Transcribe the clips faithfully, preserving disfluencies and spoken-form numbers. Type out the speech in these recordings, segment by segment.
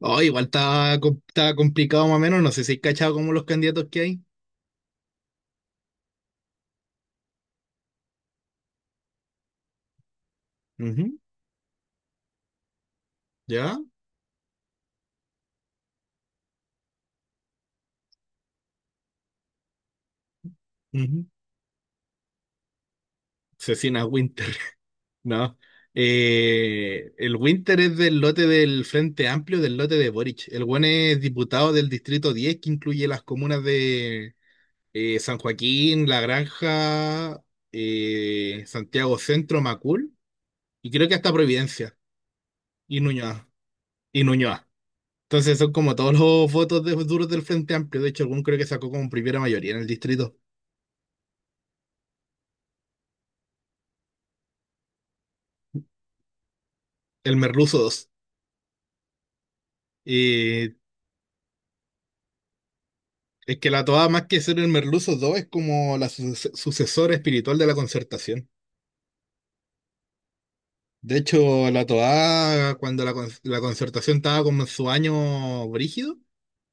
Oh, igual está, com- está complicado más o menos. No sé si hay cachado como los candidatos que hay. Ujú. ¿Ya? Ujú. Cecina Winter. No. Eh, el Winter es del lote del Frente Amplio, del lote de Boric. El buen es diputado del Distrito diez, que incluye las comunas de eh, San Joaquín, La Granja, eh, Santiago Centro, Macul, y creo que hasta Providencia y Nuñoa. Y Nuñoa. Entonces son como todos los votos de, duros del Frente Amplio. De hecho, algún creo que sacó como primera mayoría en el distrito. El Merluzo dos. Y es que la toada, más que ser el Merluzo dos, es como la su- sucesora espiritual de la Concertación. De hecho, la toada, cuando la, con- la Concertación estaba como en su año brígido,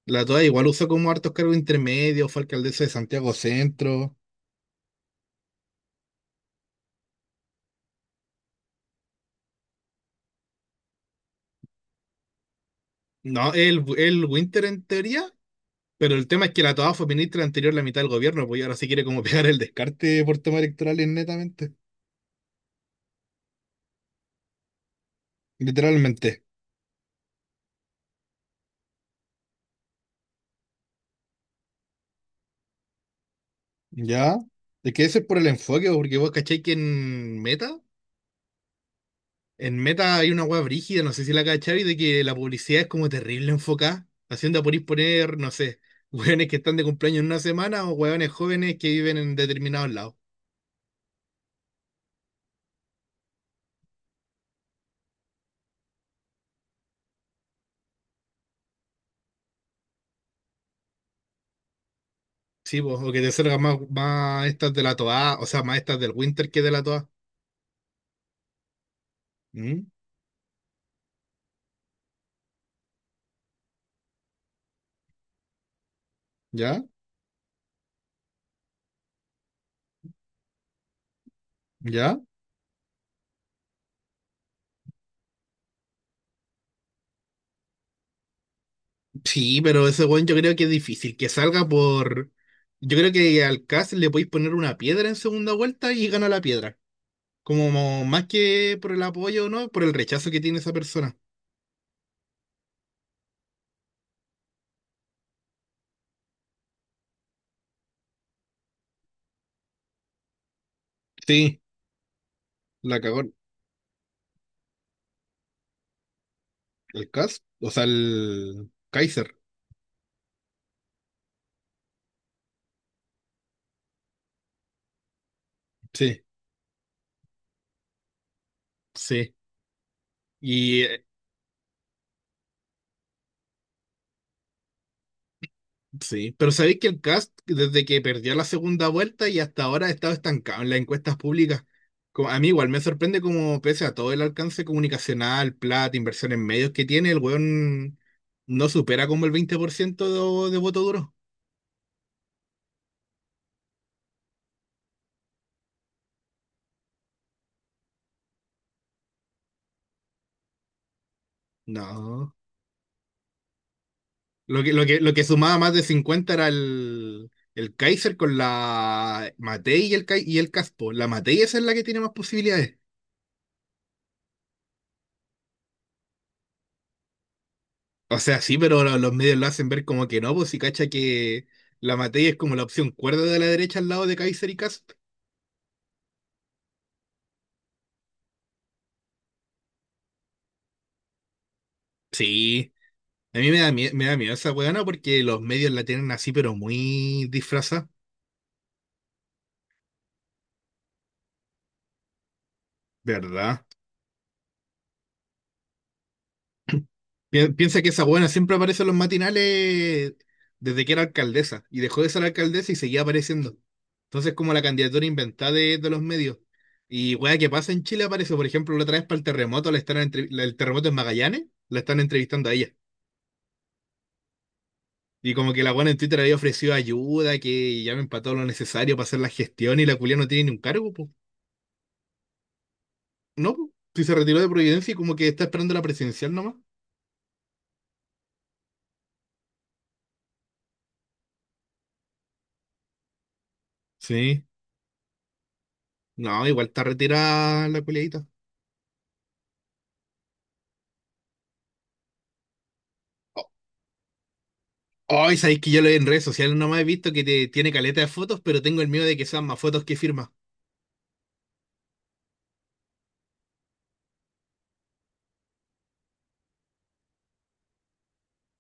la toada igual usó como hartos cargos intermedios, fue alcaldesa de Santiago Centro. No, el, el Winter en teoría. Pero el tema es que la Toa fue ministra anterior la mitad del gobierno, pues, y ahora se quiere como pegar el descarte por temas electorales netamente. Literalmente. ¿Ya? Es que ese es por el enfoque, pues, porque vos cacháis que en Meta, en Meta hay una hueá brígida, no sé si la cacháis, de que la publicidad es como terrible enfocada, haciendo por ir poner, no sé, hueones que están de cumpleaños en una semana o hueones jóvenes que viven en determinados lados. Sí, pues, o que te salgan más, más estas de la Toa, o sea, más estas del Winter que de la Toa. ¿Mm? ¿Ya? ¿Ya? Sí, pero ese weón yo creo que es difícil que salga por. Yo creo que al Cast le podéis poner una piedra en segunda vuelta y gana la piedra. Como más que por el apoyo, ¿no? Por el rechazo que tiene esa persona. Sí, la cagó el Cast, o sea, el Kaiser. Sí, sí. Y Sí, pero sabéis que el cast, desde que perdió la segunda vuelta y hasta ahora, ha estado estancado en las encuestas públicas. Como- a mí igual me sorprende como, pese a todo el alcance comunicacional, plata, inversión en medios que tiene, el weón no supera como el veinte por ciento de, de voto duro. No. Lo que, lo que, lo que sumaba más de cincuenta era el, el Kaiser con la Matei y el, Kai- y el Caspo. La Matei esa es la que tiene más posibilidades. O sea, sí, pero lo- los medios lo hacen ver como que no, pues, si cacha que la materia es como la opción cuerda de la derecha al lado de Kaiser y Cast. Sí, a mí me da, mie- me da miedo esa weona porque los medios la tienen así, pero muy disfrazada, ¿verdad? Pi- piensa que esa buena siempre aparece en los matinales desde que era alcaldesa, y dejó de ser alcaldesa y seguía apareciendo. Entonces, como la candidatura inventada de, de los medios. Y weá, ¿qué pasa en Chile? Aparece, por ejemplo, la otra vez para el terremoto, la están entrevi- la- el terremoto en Magallanes, la están entrevistando a ella. Y como que la buena en Twitter había ofrecido ayuda, que ya me empató lo necesario para hacer la gestión, y la culia no tiene ni un cargo, pues. No, po. Si se retiró de Providencia y como que está esperando la presidencial nomás. Sí. No, igual está retirada la culiadita. O- hoy sabéis que yo lo en redes sociales nomás he visto que te- tiene caleta de fotos, pero tengo el miedo de que sean más fotos que firmas.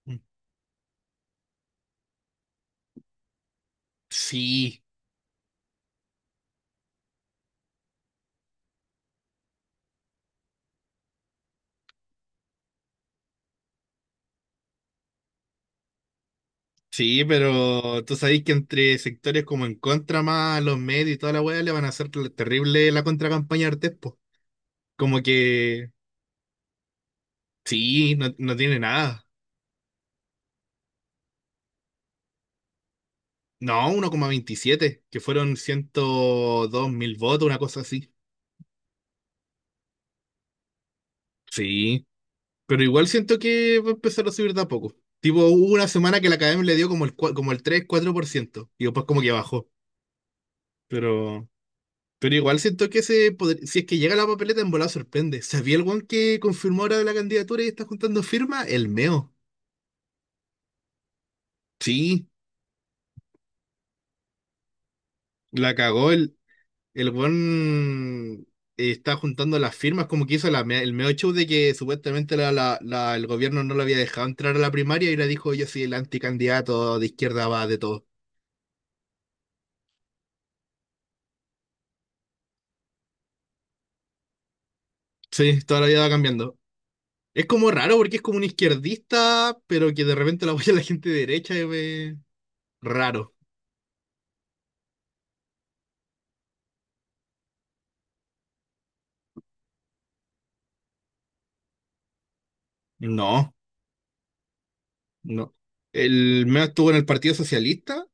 Mm. Sí, sí, pero tú sabéis que entre sectores como en contra más los medios y toda la weá le van a hacer terrible la contracampaña a Artés, po. Como que sí, no, no tiene nada. No, uno coma veintisiete, que fueron ciento dos mil votos, una cosa así. Sí, pero igual siento que va a empezar a subir de a poco. Tipo, hubo una semana que la Academia le dio como el, cua- como el tres cuatro por ciento. Y después como que bajó. Pero, pero igual siento que se podr- si es que llega la papeleta en volada sorprende. ¿Sabía el weón que confirmó ahora la candidatura y está juntando firma? El Meo. Sí, la cagó. El buen está juntando las firmas, como que hizo la me- el medio show de que supuestamente la- la- la- el gobierno no lo había dejado entrar a la primaria y le dijo, yo soy el anticandidato de izquierda va de todo. Sí, toda la vida va cambiando. Es como raro porque es como un izquierdista, pero que de repente la apoya la gente de derecha. Es eh, raro. No, no. El medio estuvo en el Partido Socialista.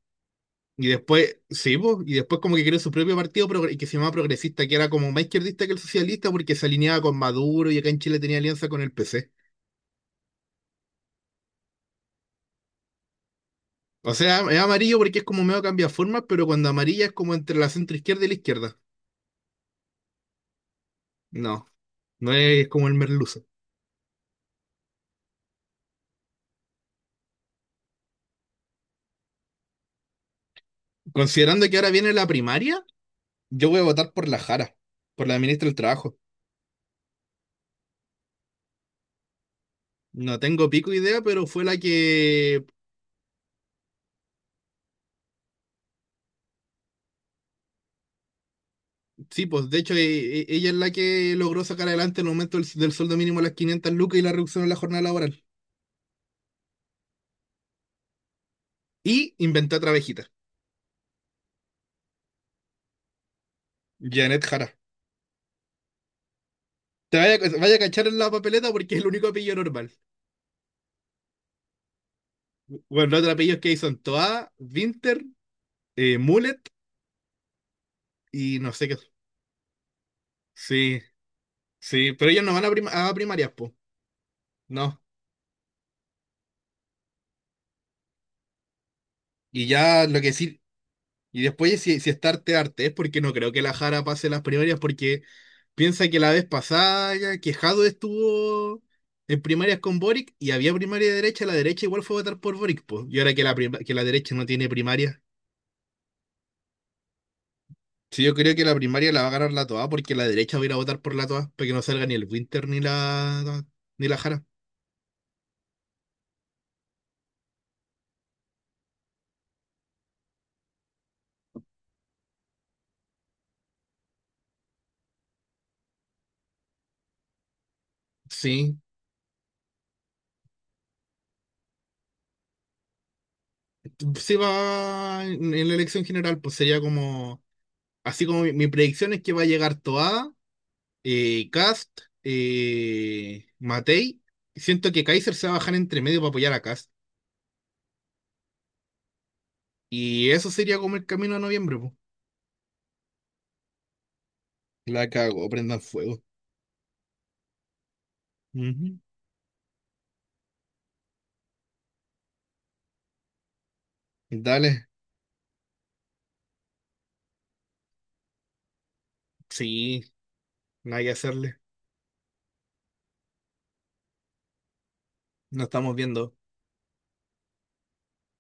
Y después, sí, po, y después como que creó su propio partido progre- que se llamaba Progresista, que era como más izquierdista que el socialista porque se alineaba con Maduro y acá en Chile tenía alianza con el P C. O sea, es amarillo porque es como medio cambia formas, pero cuando amarilla es como entre la centro izquierda y la izquierda. No, no es como el merluzo. Considerando que ahora viene la primaria, yo voy a votar por la Jara, por la ministra del Trabajo. No tengo pico idea, pero fue la que, sí, pues, de hecho, e- e- ella es la que logró sacar adelante el aumento del, del sueldo mínimo a las quinientas lucas y la reducción en la jornada laboral. Y inventé otra abejita. Janet Jara. Te vaya, vaya a cachar en la papeleta porque es el único apellido normal. Bueno, los otros apellidos que hay son Toa, Winter, eh, Mullet y no sé qué. Sí, sí, pero ellos no van a, prim- a primarias, po. No. Y ya lo que sí. Y después, si, si está arte, arte, es porque no creo que la Jara pase las primarias porque piensa que la vez pasada, ya que Jado estuvo en primarias con Boric y había primaria de derecha, la derecha igual fue a votar por Boric, po. Y ahora que la, prim- que la derecha no tiene primaria. Sí, yo creo que la primaria la va a ganar la Toa porque la derecha va a ir a votar por la Toa para que no salga ni el Winter ni la ni la Jara. Sí, sí va en en la elección general, pues sería como, así como mi, mi predicción es que va a llegar Toa, eh, Kast, eh, Matei. Siento que Kaiser se va a bajar entre medio para apoyar a Kast. Y eso sería como el camino a noviembre, pues. La cago, prendan fuego. Ujú. Dale. Sí, nada que hacerle. Nos estamos viendo.